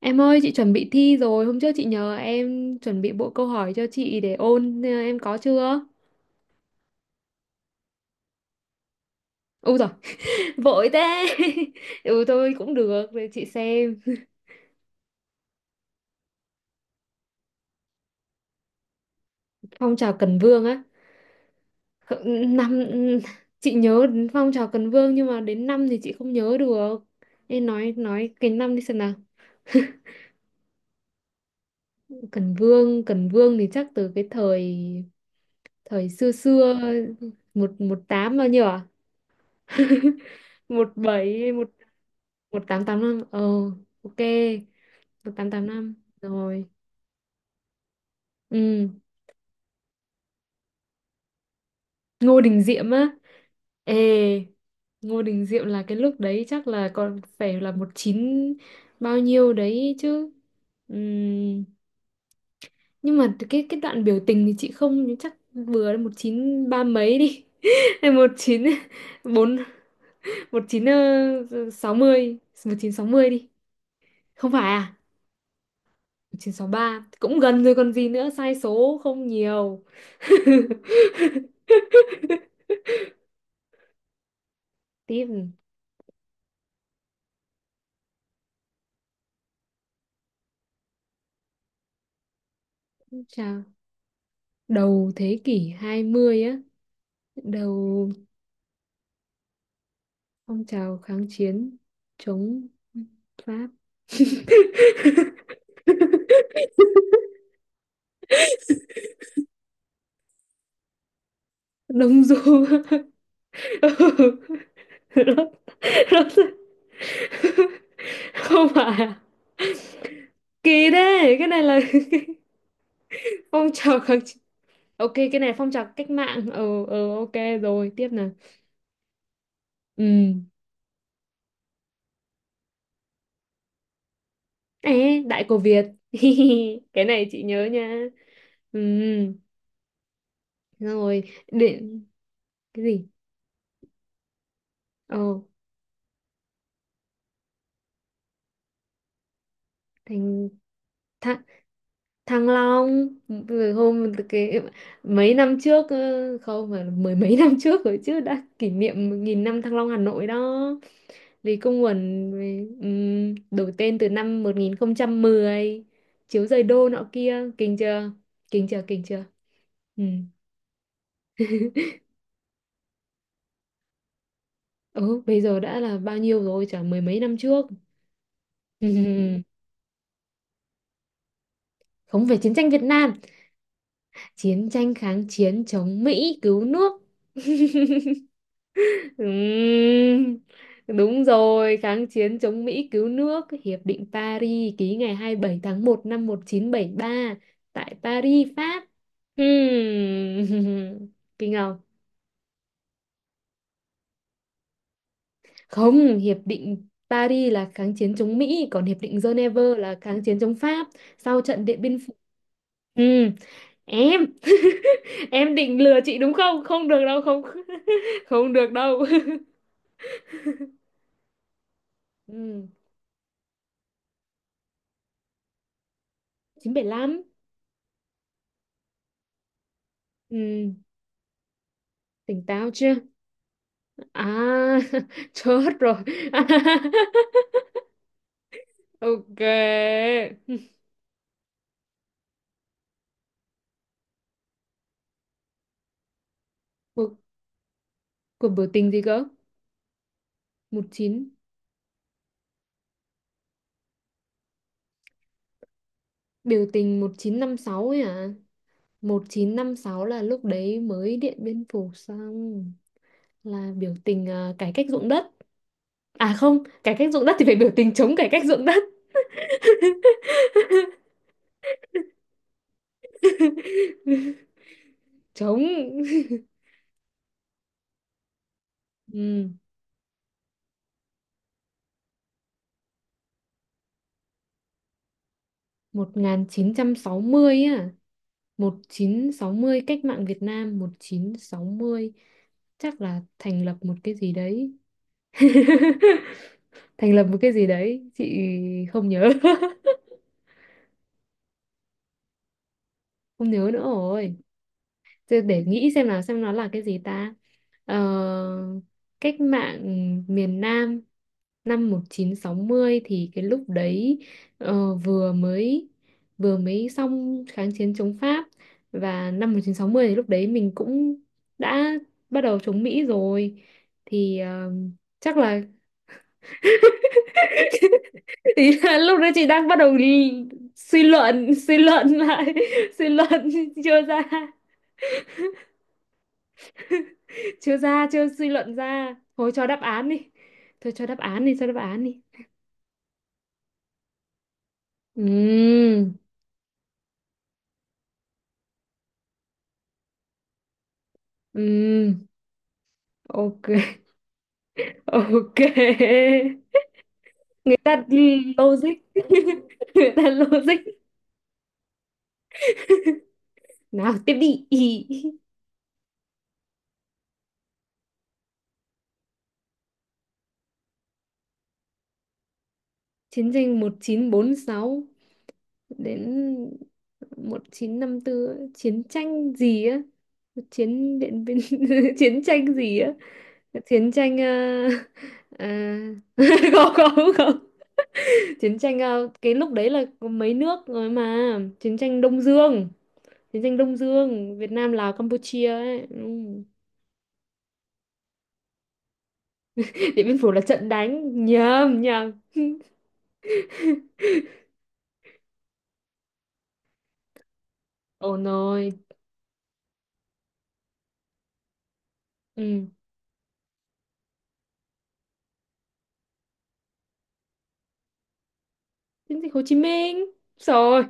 Em ơi, chị chuẩn bị thi rồi. Hôm trước chị nhờ em chuẩn bị bộ câu hỏi cho chị để ôn. Ờ, Em có chưa? Ôi rồi vội thế. Ừ thôi cũng được, để chị xem. Phong trào Cần Vương á. Năm chị nhớ đến phong trào Cần Vương nhưng mà đến năm thì chị không nhớ được. Em nói cái năm đi xem nào. Cần Vương, Cần Vương thì chắc từ cái thời thời xưa xưa một một tám bao nhiêu à? Một bảy một một tám tám năm. Ờ, ok. Một tám tám năm rồi, ừ. Ngô Đình Diệm á, ê, Ngô Đình Diệm là cái lúc đấy chắc là còn phải là một chín bao nhiêu đấy chứ. Ừm, nhưng mà cái đoạn biểu tình thì chị không, nhưng chắc vừa đến một chín ba mấy đi hay một chín bốn, một chín sáu mươi, một chín sáu mươi đi. Không phải à? Một chín sáu ba cũng gần rồi còn gì, nữa sai số không nhiều. Tiếp. Chào. Đầu thế kỷ 20 á, đầu phong trào kháng chiến chống Pháp. Đông Du. Ừ, nó rất, không phải à? Kỳ thế, cái này là phong trào kháng chiến. Ok, cái này phong trào cách mạng. Ờ ờ, ok. Rồi, tiếp nào. Ừ. Ê, Đại Cổ Việt. Cái này chị nhớ nha. Ừ. Rồi, điện cái gì? Ờ, thành, thăng, Thăng Long rồi. Hôm cái mấy năm trước, ơ, không mà mười mấy năm trước rồi chứ, đã kỷ niệm một nghìn năm Thăng Long Hà Nội đó. Lý Công Uẩn, đổi tên từ năm một nghìn không trăm mười, chiếu giời đô nọ kia, kinh chưa, kinh chưa, kinh chưa. Ừ. Ừ, bây giờ đã là bao nhiêu rồi, chả mười mấy năm trước. Ừ, không, về chiến tranh Việt Nam, chiến tranh kháng chiến chống Mỹ cứu nước. Ừm, đúng rồi, kháng chiến chống Mỹ cứu nước, Hiệp định Paris ký ngày 27 tháng một năm 1973 tại Paris, Pháp. Ừm, kinh không? Không, Hiệp định Paris là kháng chiến chống Mỹ, còn Hiệp định Geneva là kháng chiến chống Pháp sau trận Điện Biên Phủ. Ừm, em, em định lừa chị đúng không? Không được đâu, không, không được đâu. Ừm, 975. Ừm, tỉnh táo chưa? À, chết rồi. Ok. Cuộc, cuộc biểu tình gì cơ? Một chín, biểu tình 1956 ấy à? Một chín năm sáu là lúc đấy mới Điện Biên Phủ xong, là biểu tình à, cải cách ruộng đất. À không, cải cách ruộng đất thì phải biểu tình chống cải cách ruộng đất. Chống. Ừ, 1960 á. Một chín sáu mươi, cách mạng Việt Nam một chín sáu mươi, chắc là thành lập một cái gì đấy. Thành lập một cái gì đấy, chị không nhớ. Không nhớ nữa rồi. Thế để nghĩ xem là xem nó là cái gì ta. ờ, Cách mạng miền Nam năm 1960 thì cái lúc đấy ờ, vừa mới vừa mới xong kháng chiến chống Pháp, và năm 1960 thì lúc đấy mình cũng đã bắt đầu chống Mỹ rồi, thì ờ, chắc là thì là lúc đấy chị đang bắt đầu đi suy luận lại suy luận chưa ra, chưa ra, chưa suy luận ra, thôi cho đáp án đi, thôi cho đáp án đi, cho đáp án đi. Ừ. Ừ, ok. Ok. Người ta logic. Người ta logic. Nào tiếp đi. Ý. Chiến tranh 1946 đến 1954 ấy. Chiến tranh gì á? Chiến điện biên chiến tranh gì á? Chiến tranh ờ, không không không. Chiến tranh cái lúc đấy là có mấy nước rồi mà. Chiến tranh Đông Dương. Chiến tranh Đông Dương, Việt Nam, Lào, Campuchia ấy. Ừ. Điện Biên Phủ là trận đánh, nhầm nhầm. Ồ nồi. Ừ. Chiến dịch Hồ Chí Minh rồi.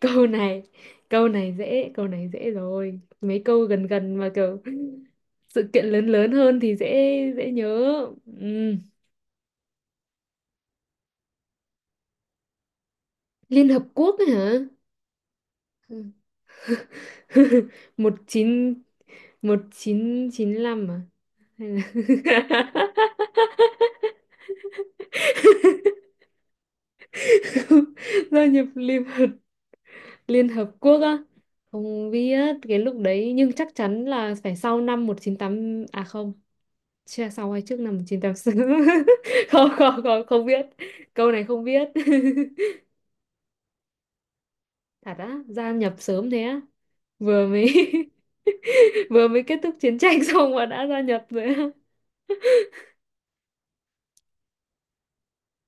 Câu này, câu này dễ, câu này dễ rồi, mấy câu gần gần mà kiểu sự kiện lớn, lớn hơn thì dễ, dễ nhớ. Ừ. Liên Hợp Quốc ấy hả? Ừ. Một chín, một chín chín năm à, hay là gia nhập Liên, Liên Hợp Quốc á, không biết cái lúc đấy, nhưng chắc chắn là phải sau năm một chín tám, à không, chưa, sau hay trước năm 1986 không không không, không biết, câu này không biết. Thật á, gia nhập sớm thế á, vừa mới vừa mới kết thúc chiến tranh xong mà đã gia nhập rồi á.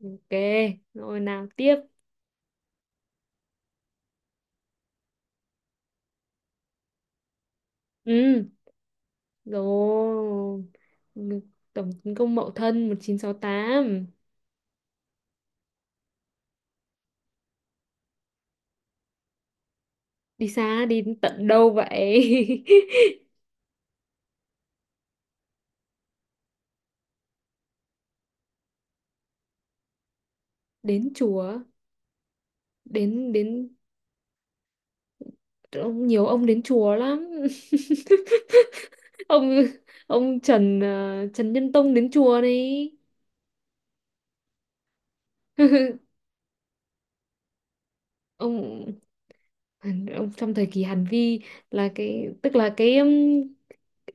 Ok, rồi nào tiếp. Ừ. Rồi. Ừ, tổng tấn công Mậu Thân một chín sáu tám. Đi xa, đi đến tận đâu vậy? Đến chùa, đến, đến, ông nhiều, ông đến chùa lắm. ông ông Trần, Trần Nhân Tông đến chùa này. ông ông trong thời kỳ Hàn Vi là cái, tức là cái,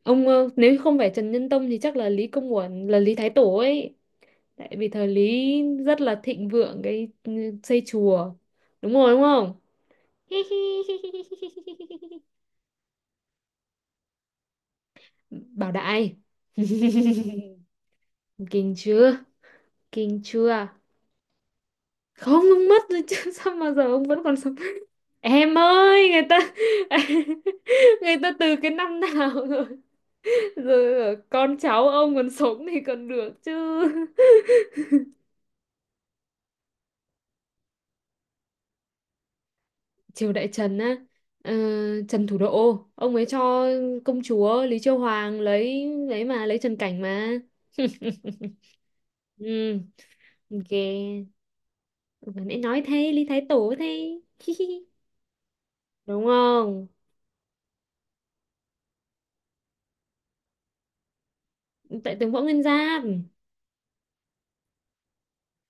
ông, nếu không phải Trần Nhân Tông thì chắc là Lý Công Uẩn là Lý Thái Tổ ấy, tại vì thời Lý rất là thịnh vượng cái xây chùa, đúng rồi đúng không? Bảo đại. Kinh chưa? Kinh chưa? Không, ông mất rồi chứ, sao mà giờ ông vẫn còn sống? Em ơi, người ta người ta từ cái năm nào rồi? Rồi con cháu ông còn sống thì còn được chứ. Triều Đại Trần á, ờ, Trần Thủ Độ, ông ấy cho công chúa Lý Chiêu Hoàng lấy Trần Cảnh mà. Ừ, ok. Vừa nãy nói thế, Lý Thái Tổ thế. Đúng không? Tại tướng Võ Nguyên Giáp.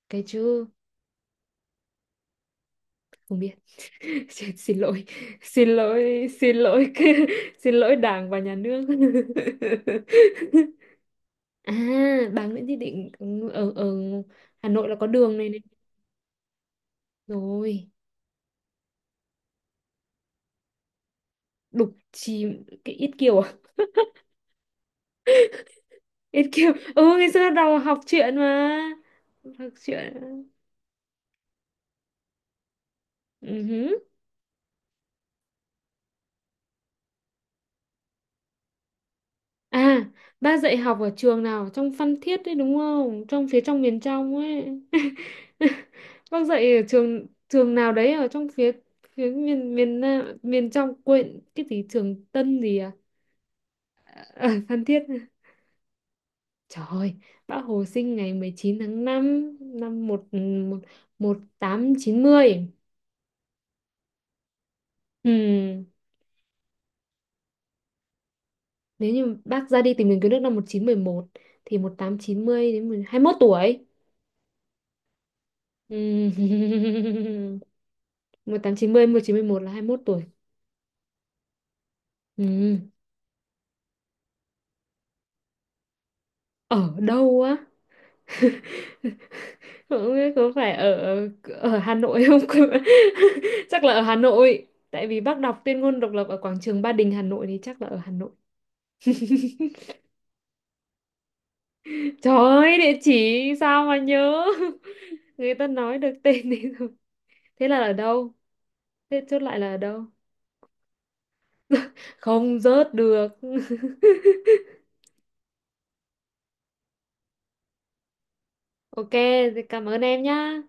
Cái chứ. Không biết. Xin, xin lỗi, xin lỗi, xin lỗi. Xin lỗi đảng và nhà nước. À, bà Nguyễn Thị Định, ừ, ở ở Hà Nội là có đường này này rồi. Đục chì, cái Yết Kiều à, Yết Kiều, ừ, ngày xưa đầu học truyện mà, học truyện. Ừ hứ. À, ba dạy học ở trường nào? Trong Phan Thiết đấy đúng không? Trong phía trong, miền trong ấy. Bác dạy ở trường trường nào đấy, ở trong phía, miền, Nam, miền trong quên cái gì, trường Tân gì à? Ở Phan Thiết. Trời ơi, bác Hồ sinh ngày 19 tháng 5 năm 1 1890. Ừ, nếu như bác ra đi tìm đường cứu nước năm 1911 thì một tám chín mươi đến 21 tuổi. Ừ. một một tám chín, chín mươi, một chín mươi, 1911 là 21 tuổi. Ừ. Ở đâu á? Không biết có phải ở ở Hà Nội không? Chắc là ở Hà Nội. Tại vì bác đọc tuyên ngôn độc lập ở quảng trường Ba Đình Hà Nội thì chắc là ở Hà Nội. Trời ơi, địa chỉ sao mà nhớ? Người ta nói được tên đi rồi. Thế là ở đâu? Thế chốt lại là ở đâu? Không rớt được. Ok, thì cảm ơn em nhá.